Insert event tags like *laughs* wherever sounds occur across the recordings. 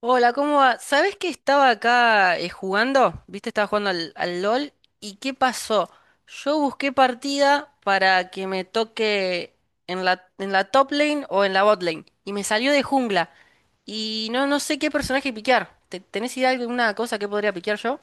Hola, ¿cómo va? ¿Sabés que estaba acá jugando? ¿Viste? Estaba jugando al LOL. ¿Y qué pasó? Yo busqué partida para que me toque en la top lane o en la bot lane. Y me salió de jungla. Y no sé qué personaje piquear. ¿Tenés idea de alguna cosa que podría piquear yo?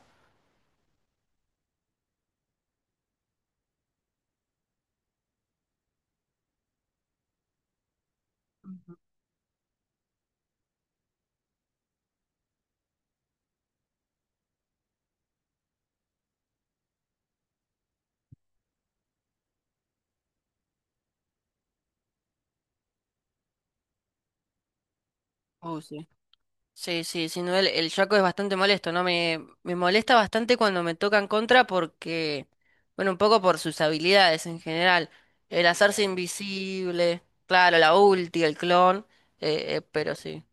Sí, sí, sin duda el Shaco es bastante molesto, ¿no? Me molesta bastante cuando me tocan contra porque, bueno, un poco por sus habilidades en general. El hacerse invisible, claro, la ulti, el clon, pero sí.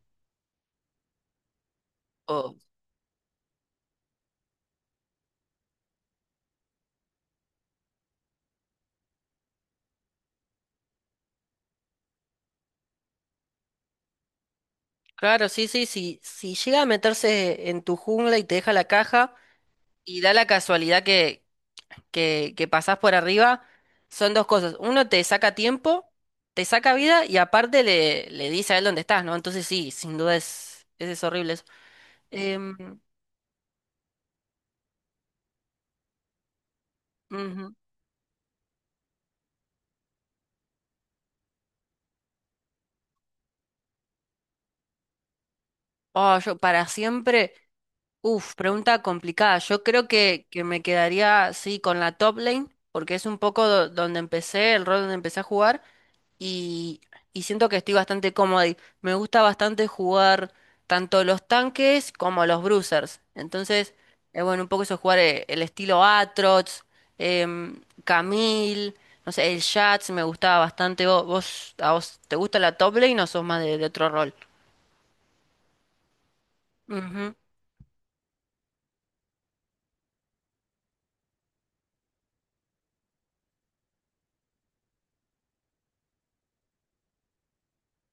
Oh, claro, sí, sí, sí. Si llega a meterse en tu jungla y te deja la caja y da la casualidad que pasás por arriba son dos cosas. Uno te saca tiempo, te saca vida y aparte le dice a él dónde estás, ¿no? Entonces sí, sin duda es horrible eso. Em, ujú. Oh, yo para siempre, uf, pregunta complicada. Yo creo que me quedaría, sí, con la top lane, porque es un poco donde empecé, el rol donde empecé a jugar. Y, y siento que estoy bastante cómoda y me gusta bastante jugar tanto los tanques como los bruisers. Entonces, bueno, un poco eso jugar el estilo Atrox, Camille, no sé, el Jax me gustaba bastante. ¿ A vos te gusta la top lane o sos más de otro rol? Ujú,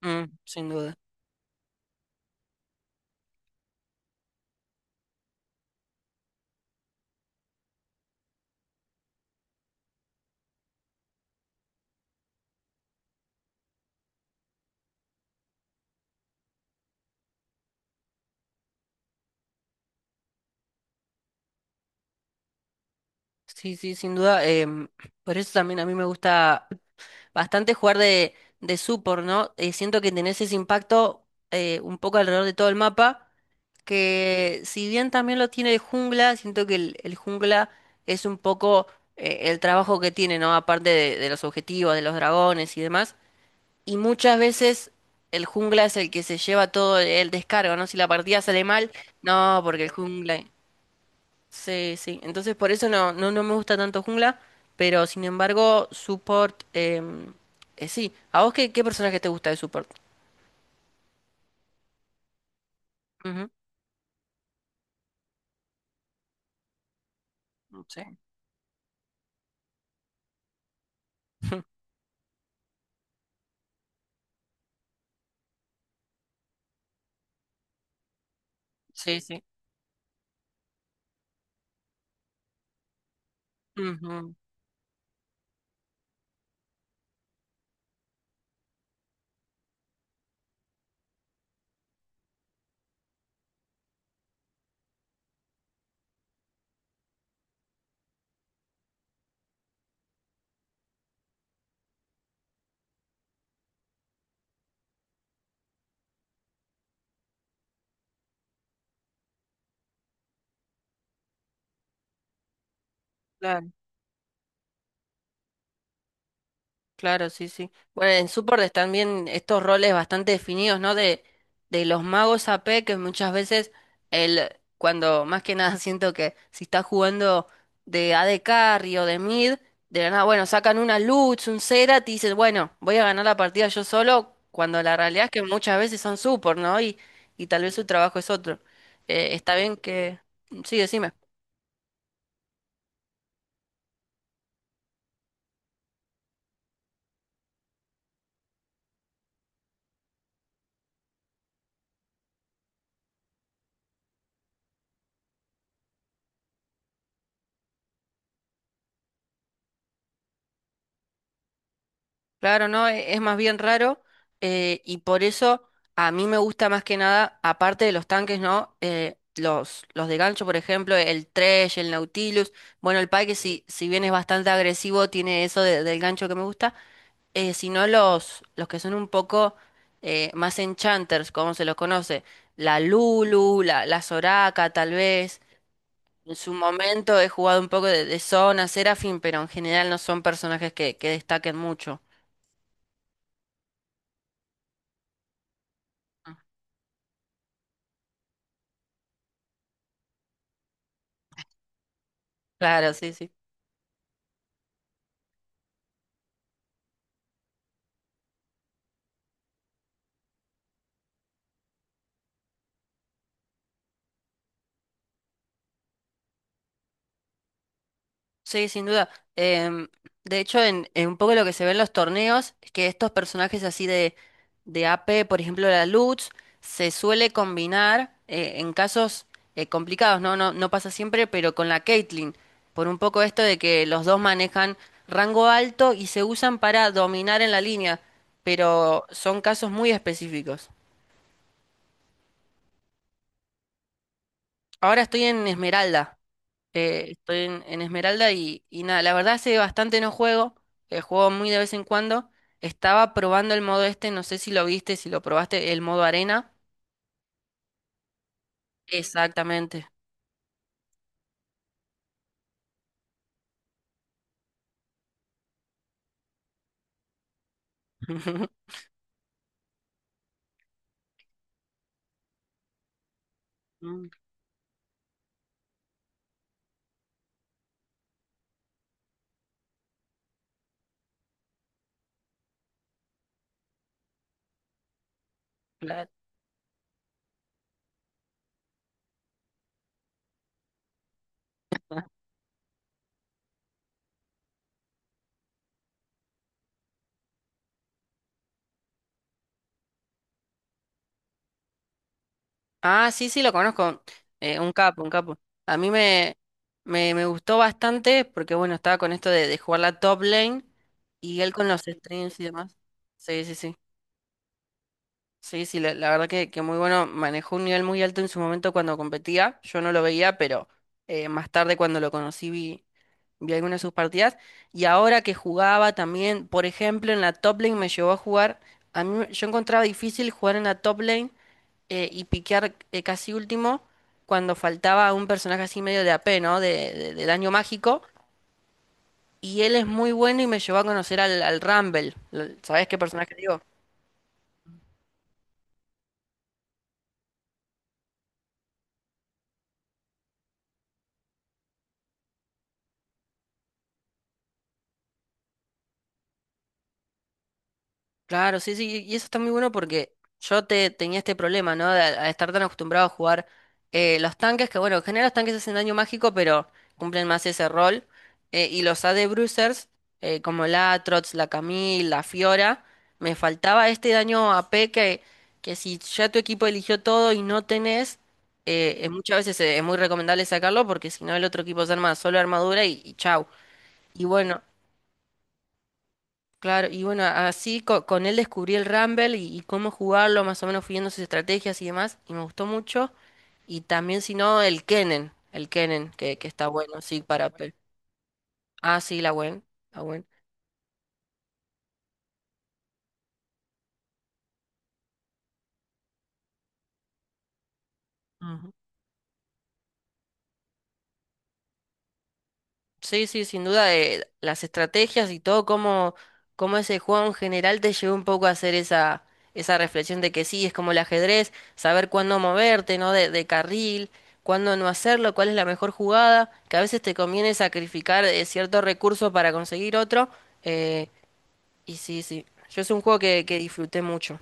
mm, sin duda. Sí, sí, sin duda. Por eso también a mí me gusta bastante jugar de support, ¿no? Siento que tenés ese impacto un poco alrededor de todo el mapa. Que si bien también lo tiene el jungla, siento que el jungla es un poco el trabajo que tiene, ¿no? Aparte de los objetivos, de los dragones y demás. Y muchas veces el jungla es el que se lleva todo el descargo, ¿no? Si la partida sale mal, no, porque el jungla... Sí, sí. Entonces por eso no me gusta tanto jungla, pero sin embargo, support... sí, ¿a vos qué personaje te gusta de support? Ujú. Sí. *laughs* Sí, sí. Ujú, claro. Claro, sí, sí. Bueno, en Sword están bien estos roles bastante definidos, ¿no? De los magos a AP, que muchas veces el, cuando más que nada *laughs* siento que si estás jugando de AD Carry o de mid, de la nada, bueno, sacan una Lutz, un Serat y dices, bueno, voy a ganar la partida yo solo, cuando la realidad es que muchas veces son support, ¿no? Y tal vez su trabajo es otro. Está bien que... Sí, decime. Claro, no, es más bien raro y por eso a mí me gusta más que nada, aparte de los tanques, ¿no? Los de gancho, por ejemplo, el Thresh, el Nautilus, bueno, el Pike, si, si bien es bastante agresivo, tiene eso del gancho que me gusta, sino los que son un poco más enchanters, como se los conoce, la Lulu, la Soraka, tal vez. En su momento he jugado un poco de Zona, Seraphine, pero en general no son personajes que destaquen mucho. Claro, sí, sí. Sí, sin duda. Em, de hecho, en un poco lo que se ve en los torneos es que estos personajes así de AP, por ejemplo la Lutz, se suele combinar en casos complicados, ¿no? No, no pasa siempre, pero con la Caitlyn, por un poco esto de que los dos manejan rango alto y se usan para dominar en la línea, pero son casos muy específicos. Ahora estoy en Esmeralda. Estoy en Esmeralda y nada, la verdad hace bastante no juego, juego muy de vez en cuando. Estaba probando el modo este, no sé si lo viste, si lo probaste, el modo arena. Exactamente. *laughs* Mm, claro. Ah, sí, sí, lo conozco. Un capo, un capo. A mí me, me, me gustó bastante porque, bueno, estaba con esto de jugar la top lane y él con los streams y demás. Sí, sí, sí. Sí, sí, la verdad que muy bueno. Manejó un nivel muy alto en su momento cuando competía. Yo no lo veía, pero más tarde cuando lo conocí vi algunas de sus partidas. Y ahora que jugaba también, por ejemplo, en la top lane me llevó a jugar. Yo encontraba difícil jugar en la top lane y piquear casi último cuando faltaba un personaje así medio de AP, ¿no? De daño mágico. Y él es muy bueno y me llevó a conocer al Rumble. ¿Sabés qué personaje digo? Claro, sí, sí, y eso está muy bueno porque yo tenía este problema, ¿no? De, a estar tan acostumbrado a jugar los tanques, que bueno, en general los tanques hacen daño mágico, pero cumplen más ese rol. Eh, y los AD. Bruisers, como la Trots, la Camille, la Fiora, me faltaba este daño AP que si ya tu equipo eligió todo y no tenés, muchas veces es muy recomendable sacarlo porque si no el otro equipo se arma solo armadura y chau. Y bueno, claro, y bueno, así él descubrí el Rumble y cómo jugarlo, más o menos fui viendo sus estrategias y demás, y me gustó mucho. Y también, si no, el Kennen, que está bueno, sí, para... Ah, sí, la Gwen, la Gwen. Sí, sí, sin duda, las estrategias y todo, cómo, cómo ese juego en general te llevó un poco a hacer esa reflexión de que sí, es como el ajedrez, saber cuándo moverte, ¿no? De carril, cuándo no hacerlo, cuál es la mejor jugada, que a veces te conviene sacrificar cierto recurso para conseguir otro. Eh, y sí, sí, yo es un juego que disfruté mucho.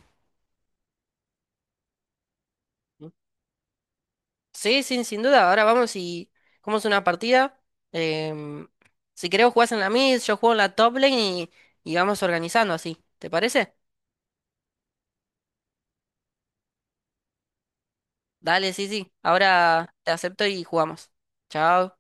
Sí, sin duda. Ahora vamos y es una partida. Em, si querés jugás en la mid, yo juego en la top lane y vamos organizando así. ¿Te parece? Dale, sí, sí. Ahora te acepto y jugamos. Chao.